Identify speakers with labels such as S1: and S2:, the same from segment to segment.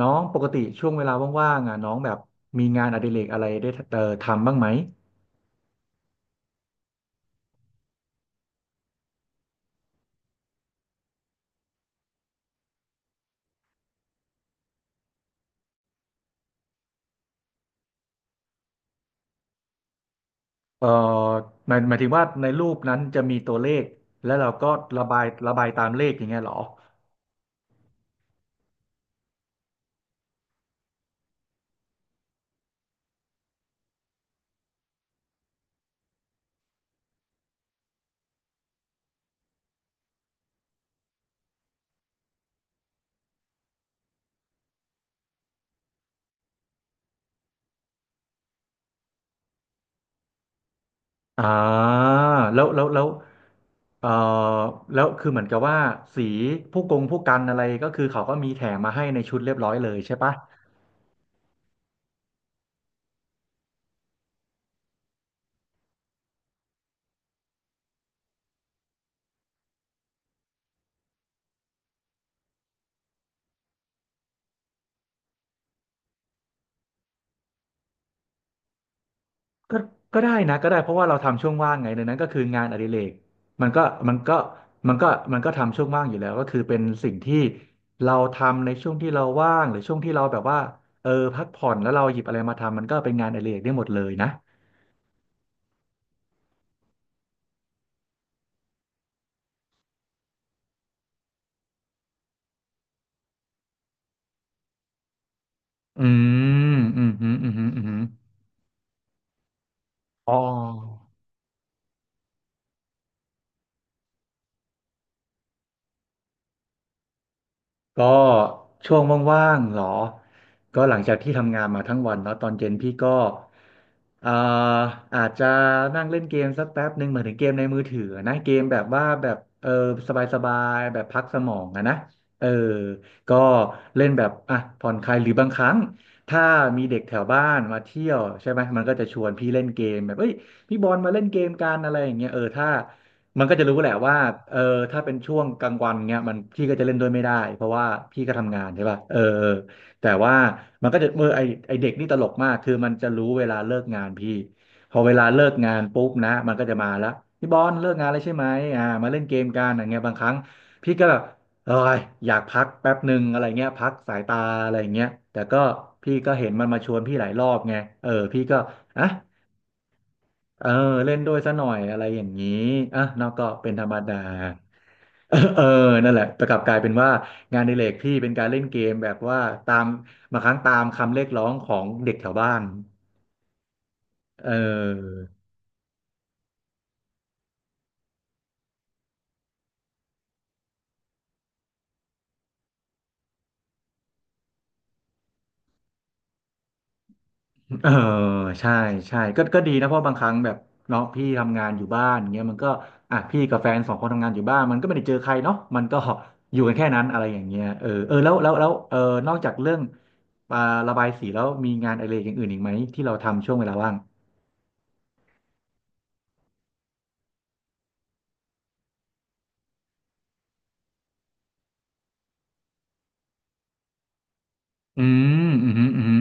S1: น้องปกติช่วงเวลาว่างๆอ่ะน้องแบบมีงานอดิเรกอะไรได้ทำบ้างไหมเอ่อหมายถึงว่าในรูปนั้นจะมีตัวเลขแล้วเราก็ระบายตามเลขอย่างเงี้ยเหรออ่าแล้วแล้วแล้วเอ่อแล้วคือเหมือนกับว่าสีผู้กงผู้กันอะไรก็คือเขาก็มีแถมมาให้ในชุดเรียบร้อยเลยใช่ปะ ก็ก็ได้นะก็ได้เพราะว่าเราทำช่วงว่างไงดังนั้นก็คืองานอดิเรกมันก็มันก็มันก็มันก็ทำช่วงว่างอยู่แล้วก็คือเป็นสิ่งที่เราทำในช่วงที่เราว่างหรือช่วงที่เราแบบว่าเออพักผ่อนแล้วเราหยิบอะไรมาทำมันก็เป็นงานอดิเรกได้หมดเลยนะอืมอืมอืมอืมอืมอมอ๋อ ก็ช่วงว่างๆเหรอก็หลังจากที่ทำงานมาทั้งวันเนาะตอนเย็นพี่ก็อ่าอาจจะนั่งเล่นเกมสักแป๊บหนึ่งเหมือนถึงเกมในมือถือนะเกมแบบว่าแบบเออสบายๆแบบพักสมองอะนะเออก็เล่นแบบอ่ะผ่อนคลายหรือบางครั้งถ้ามีเด็กแถวบ้านมาเที่ยวใช่ไหมมันก็จะชวนพี่เล่นเกมแบบเอ้ยพี่บอลมาเล่นเกมกันอะไรอย่างเงี้ยเออถ้า มันก็จะรู้แหละว่าเออถ้าเป็นช่วงกลางวันเงี้ยมันพี่ก็จะเล่นด้วยไม่ได้เพราะว่าพี่ก็ทำงานใช่ป่ะเออแต่ว่ามันก็จะเออไอเด็กนี่ตลกมากคือมันจะรู้เวลาเลิกงานพี่พอเวลาเลิกงานปุ๊บนะมันก็จะมาแล้วพี่บอลเลิกงานแล้วใช่ไหมอ่ามาเล่นเกมกันอย่างเงี้ยบางครั้งพี่ก็แบบเอออยากพักแป๊บหนึ่งอะไรเงี้ยพักสายตาอะไรเงี้ยแต่ก็พี่ก็เห็นมันมาชวนพี่หลายรอบไงเออพี่ก็อ่ะ เออเล่นด้วยซะหน่อยอะไรอย่างนี้อ่ะเนอกก็เป็นธรรมดา เออเออนั่นแหละแต่กลับกลายเป็นว่างานอดิเรกพี่เป็นการเล่นเกมแบบว่าตามบางครั้งตามคำเรียกร้องของเด็กแถวบ้านเออเออใช่ใช่ก็ดีนะเพราะบางครั้งแบบเนาะพี่ทำงานอยู่บ้านเงี้ยมันก็อ่ะพี่กับแฟนสองคนทำงานอยู่บ้านมันก็ไม่ได้เจอใครเนาะมันก็อยู่กันแค่นั้นอะไรอย่างเงี้ยเออเออแล้วแล้วแล้วเออนอกจากเรื่องอ่าระบายสีแล้วมีงานอะไรกอย่างอื่นอีกไหมที่เราทำช่วงเวลาว่าง อืม อืมอหืมออือหือ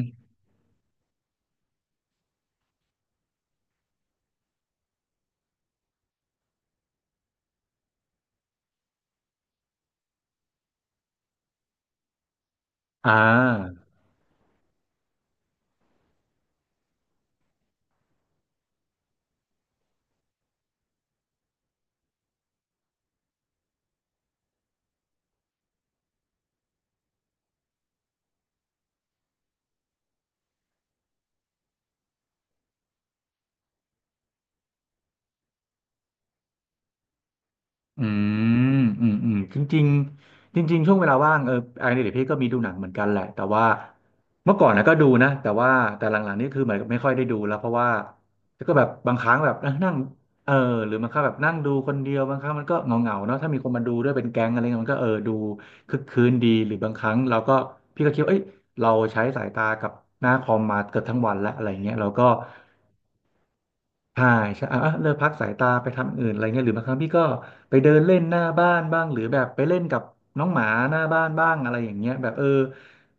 S1: อ่าอืมอืมอืมจริงๆจริงๆช่วงเวลาว่างเอองานอดิเรกพี่ก็มีดูหนังเหมือนกันแหละแต่ว่าเมื่อก่อนนะก็ดูนะแต่ว่าแต่หลังๆนี่คือเหมือนกับไม่ค่อยได้ดูแล้วเพราะว่าก็แบบบางครั้งแบบนั่งเออหรือบางครั้งแบบนั่งดูคนเดียวบางครั้งมันก็เหงาๆเนาะถ้ามีคนมาดูด้วยเป็นแก๊งอะไรเงี้ยมันก็เออดูคึกคืนดีหรือบางครั้งเราก็พี่ก็คิดว่าเอ้ยเราใช้สายตากับหน้าคอมมาเกือบทั้งวันแล้วอะไรเงี้ยเราก็ ใช่ใช่อ่ะอ่ะเลิกพักสายตาไปทำอื่นอะไรเงี้ยหรือบางครั้งพี่ก็ไปเดินเล่นหน้าบ้านบ้างหรือแบบไปเล่นกับน้องหมาหน้าบ้านบ้างอะไรอย่างเงี้ยแบบเออ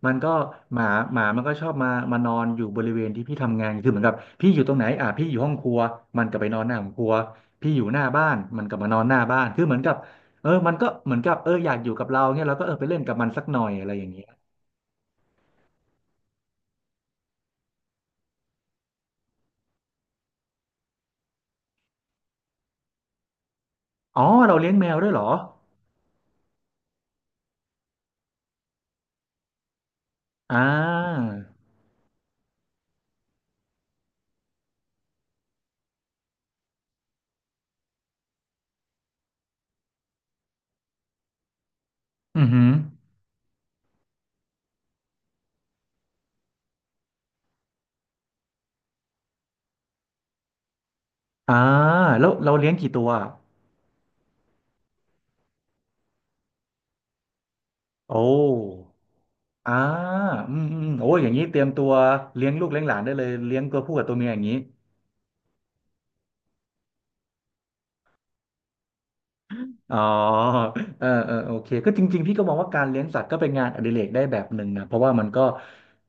S1: มันก็หมามันก็ชอบมานอนอยู่บริเวณที่พี่ทำงานคือเหมือนกับพี่อยู่ตรงไหนอ่ะพี่อยู่ห้องครัวมันก็ไปนอนหน้าห้องครัวพี่อยู่หน้าบ้านมันก็มานอนหน้าบ้านคือเหมือนกับเออมันก็เหมือนกับเอออยากอยู่กับเราเงี้ยเราก็เออไปเล่นกับมันสักหน่อยอะไรอย่างเงี้ยอ๋อเราเลี้ยงแมวด้วยเหรออ่าอือหืออ่าแล้วเราเลี้ยงกี่ตัว โอ้อ่าอืมอืมโอ้อย่างนี้เตรียมตัวเลี้ยงลูกเลี้ยงหลานได้เลยเลี้ยงตัวผู้กับตัวเมียอย่างนี้อ๋อเออเออโอเคก็จริงๆ พี่ก็มองว่าการเลี้ยงสัตว์ก็เป็นงานอดิเรกได้แบบหนึ่งนะเพราะว่ามันก็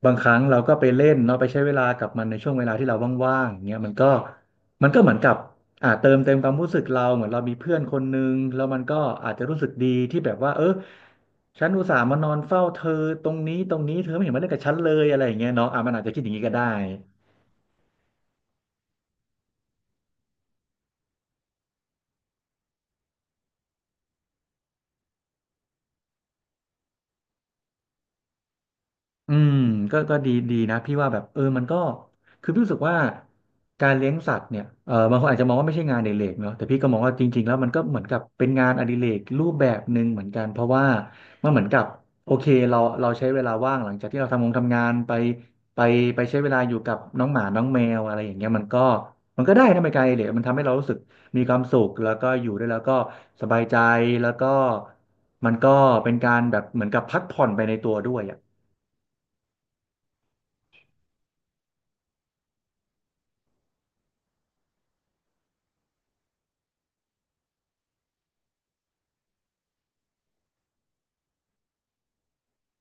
S1: บางครั้งเราก็ไปเล่นเนาะไปใช้เวลากับมันในช่วงเวลาที่เราว่างๆอย่างเงี้ยมันก็เหมือนกับเติมเต็มความรู้สึกเราเหมือนเรามีเพื่อนคนนึงแล้วมันก็อาจจะรู้สึกดีที่แบบว่าเออฉันอุตส่าห์มานอนเฝ้าเธอตรงนี้เธอไม่เห็นมาเล่นกับฉันเลยอะไรอย่างเงี้ยเนาะอ่ะมันอาจจะคิดอย่างนี้ก็ได้ อืมก็ดีนะพี่ว่าแบบเออมันก็คือพี่รู้สึกว่าการเลี้ยงสัตว์เนี่ยเออบางคนอาจจะมองว่าไม่ใช่งานอดิเรกเนาะแต่พี่ก็มองว่าจริงๆแล้วมันก็เหมือนกับเป็นงานอดิเรกรูปแบบหนึ่งเหมือนกันเพราะว่ามันเหมือนกับโอเคเราใช้เวลาว่างหลังจากที่เราทำงานไปไปใช้เวลาอยู่กับน้องหมาน้องแมวอะไรอย่างเงี้ยมันก็มันก็ได้นะเป็นการอดิเรกมันทำให้เรารู้สึกมีความสุขแล้วก็อยู่ด้วยแล้วก็สบายใจแล้วก็มันก็เป็นการแบบเหมือนกับพักผ่อนไปในตัวด้วยอ่ะ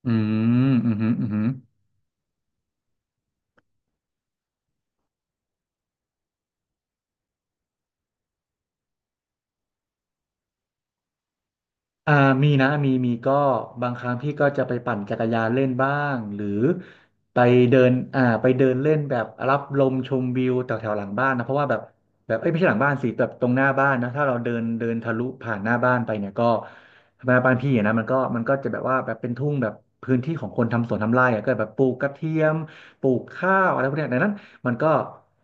S1: อืมอืมอหืมออือหืออ่ามีนะมี ก็บางครั้งพี่ก็จะไปปั่นจักรยานเล่นบ้าง หรือไปเดินไปเดินเล่นแบบรับลมชมวิวแถวแถวหลังบ้านนะเพราะว่าแบบเอ้ยไม่ใช่หลังบ้านสิแบบตรงหน้าบ้านนะถ้าเราเดินเดินทะลุผ่านหน้าบ้านไปเนี่ยก็หน้าบ้านพี่อะนะมันก็จะแบบว่าแบบเป็นทุ่งแบบพื้นที่ของคนทำสวนทำไร่อะก็แบบปลูกกระเทียมปลูกข้าวอะไรพวกเนี้ยดังนั้นมันก็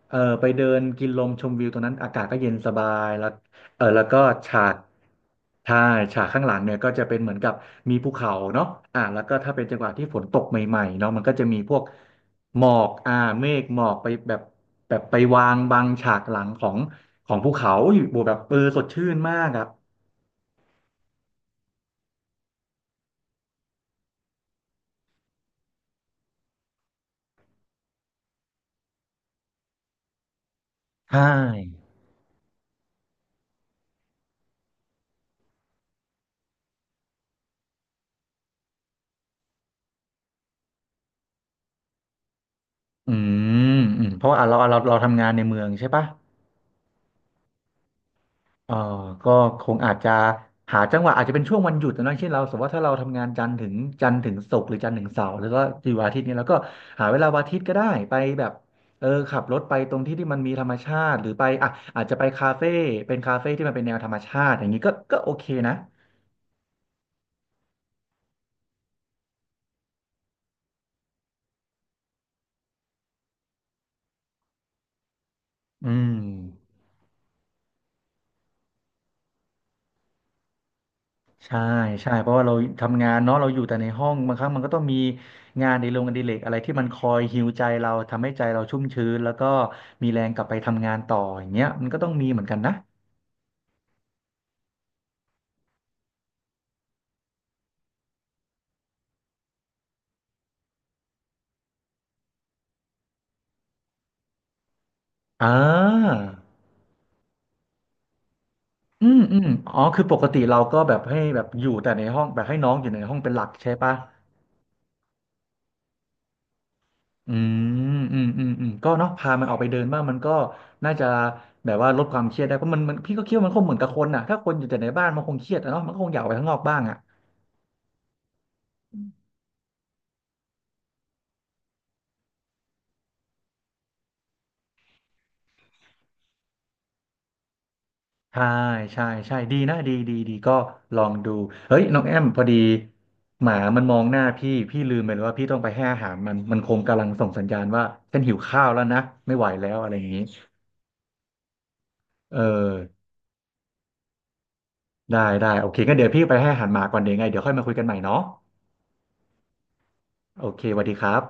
S1: เออไปเดินกินลมชมวิวตรงนั้นอากาศก็เย็นสบายแล้ว เออแล้วก็ฉากใช่ฉากข้างหลังเนี่ยก็จะเป็นเหมือนกับมีภูเขาเนาะอ่าแล้วก็ถ้าเป็นจังหวะที่ฝนตกใหม่ๆเนาะมันก็จะมีพวกหมอกเมฆหมอกไปแบบไปวางบังฉากหลังของภูเขาอยู่บวกแบบเออสดชื่นมากอ่ะใช่อืมอืมเพราะว่าอ่ะเราทำงานในเมืองใช่ปะ เออก็คงอาจจะหาจังหวะอาจจะเป็นช่วงวันหยุดนะเช่นเราสมมติว่าถ้าเราทำงานจันทร์ถึงศุกร์หรือจันทร์ถึงเสาร์แล้วก็อยวันอาทิตย์เนี่ยเราก็หาเวลาวันอาทิตย์ก็ได้ไปแบบเออขับรถไปตรงที่ที่มันมีธรรมชาติหรือไปอ่ะอาจจะไปคาเฟ่เป็นคาเฟ่ที่มันเป็นแนวธรรมชาติอย่างนี้ก็โอเคนะอืม ใช่ใช่เพราะว่าเราทำงานเนาะเราอยู่แต่ในห้องบางครั้งมันก็ต้องมีงานอดนโรงงานอดิเรกอะไรที่มันคอยฮีลใจเราทำให้ใจเราชุ่มชื้นแล้วก็มีแรงกลับไปทำงานต่ออย่างเงี้ยมันก็ต้องมีเหมือนกันนะอ่าอืมอืมอ๋อคือปกติเราก็แบบให้แบบอยู่แต่ในห้องแบบให้น้องอยู่ในห้องเป็นหลักใช่ปะอืมอืมก็เนาะพามันออกไปเดินบ้างมันก็น่าจะแบบว่าลดความเครียดได้เพราะมันพี่ก็คิดว่ามันคงเหมือนกับคนน่ะถ้าคนอยู่แต่ในบ้านมันคงเครียดอะเนาะมันก็คงอยากออกไปข้างนอกบ้างอ่ะ ใช่ใช่ใช่ดีนะดีก็ลองดูเฮ้ยน้องแอมพอดีหมามันมองหน้าพี่พี่ลืมไปเลยว่าพี่ต้องไปให้อาหารมันคงกำลังส่งสัญญาณว่าฉันหิวข้าวแล้วนะไม่ไหวแล้วอะไรอย่างนี้เออได้โอเคงั้นเดี๋ยวพี่ไปให้อาหารหมาก่อนเดี๋ยวไงเดี๋ยวค่อยมาคุยกันใหม่เนาะโอเคสวัสดีครับ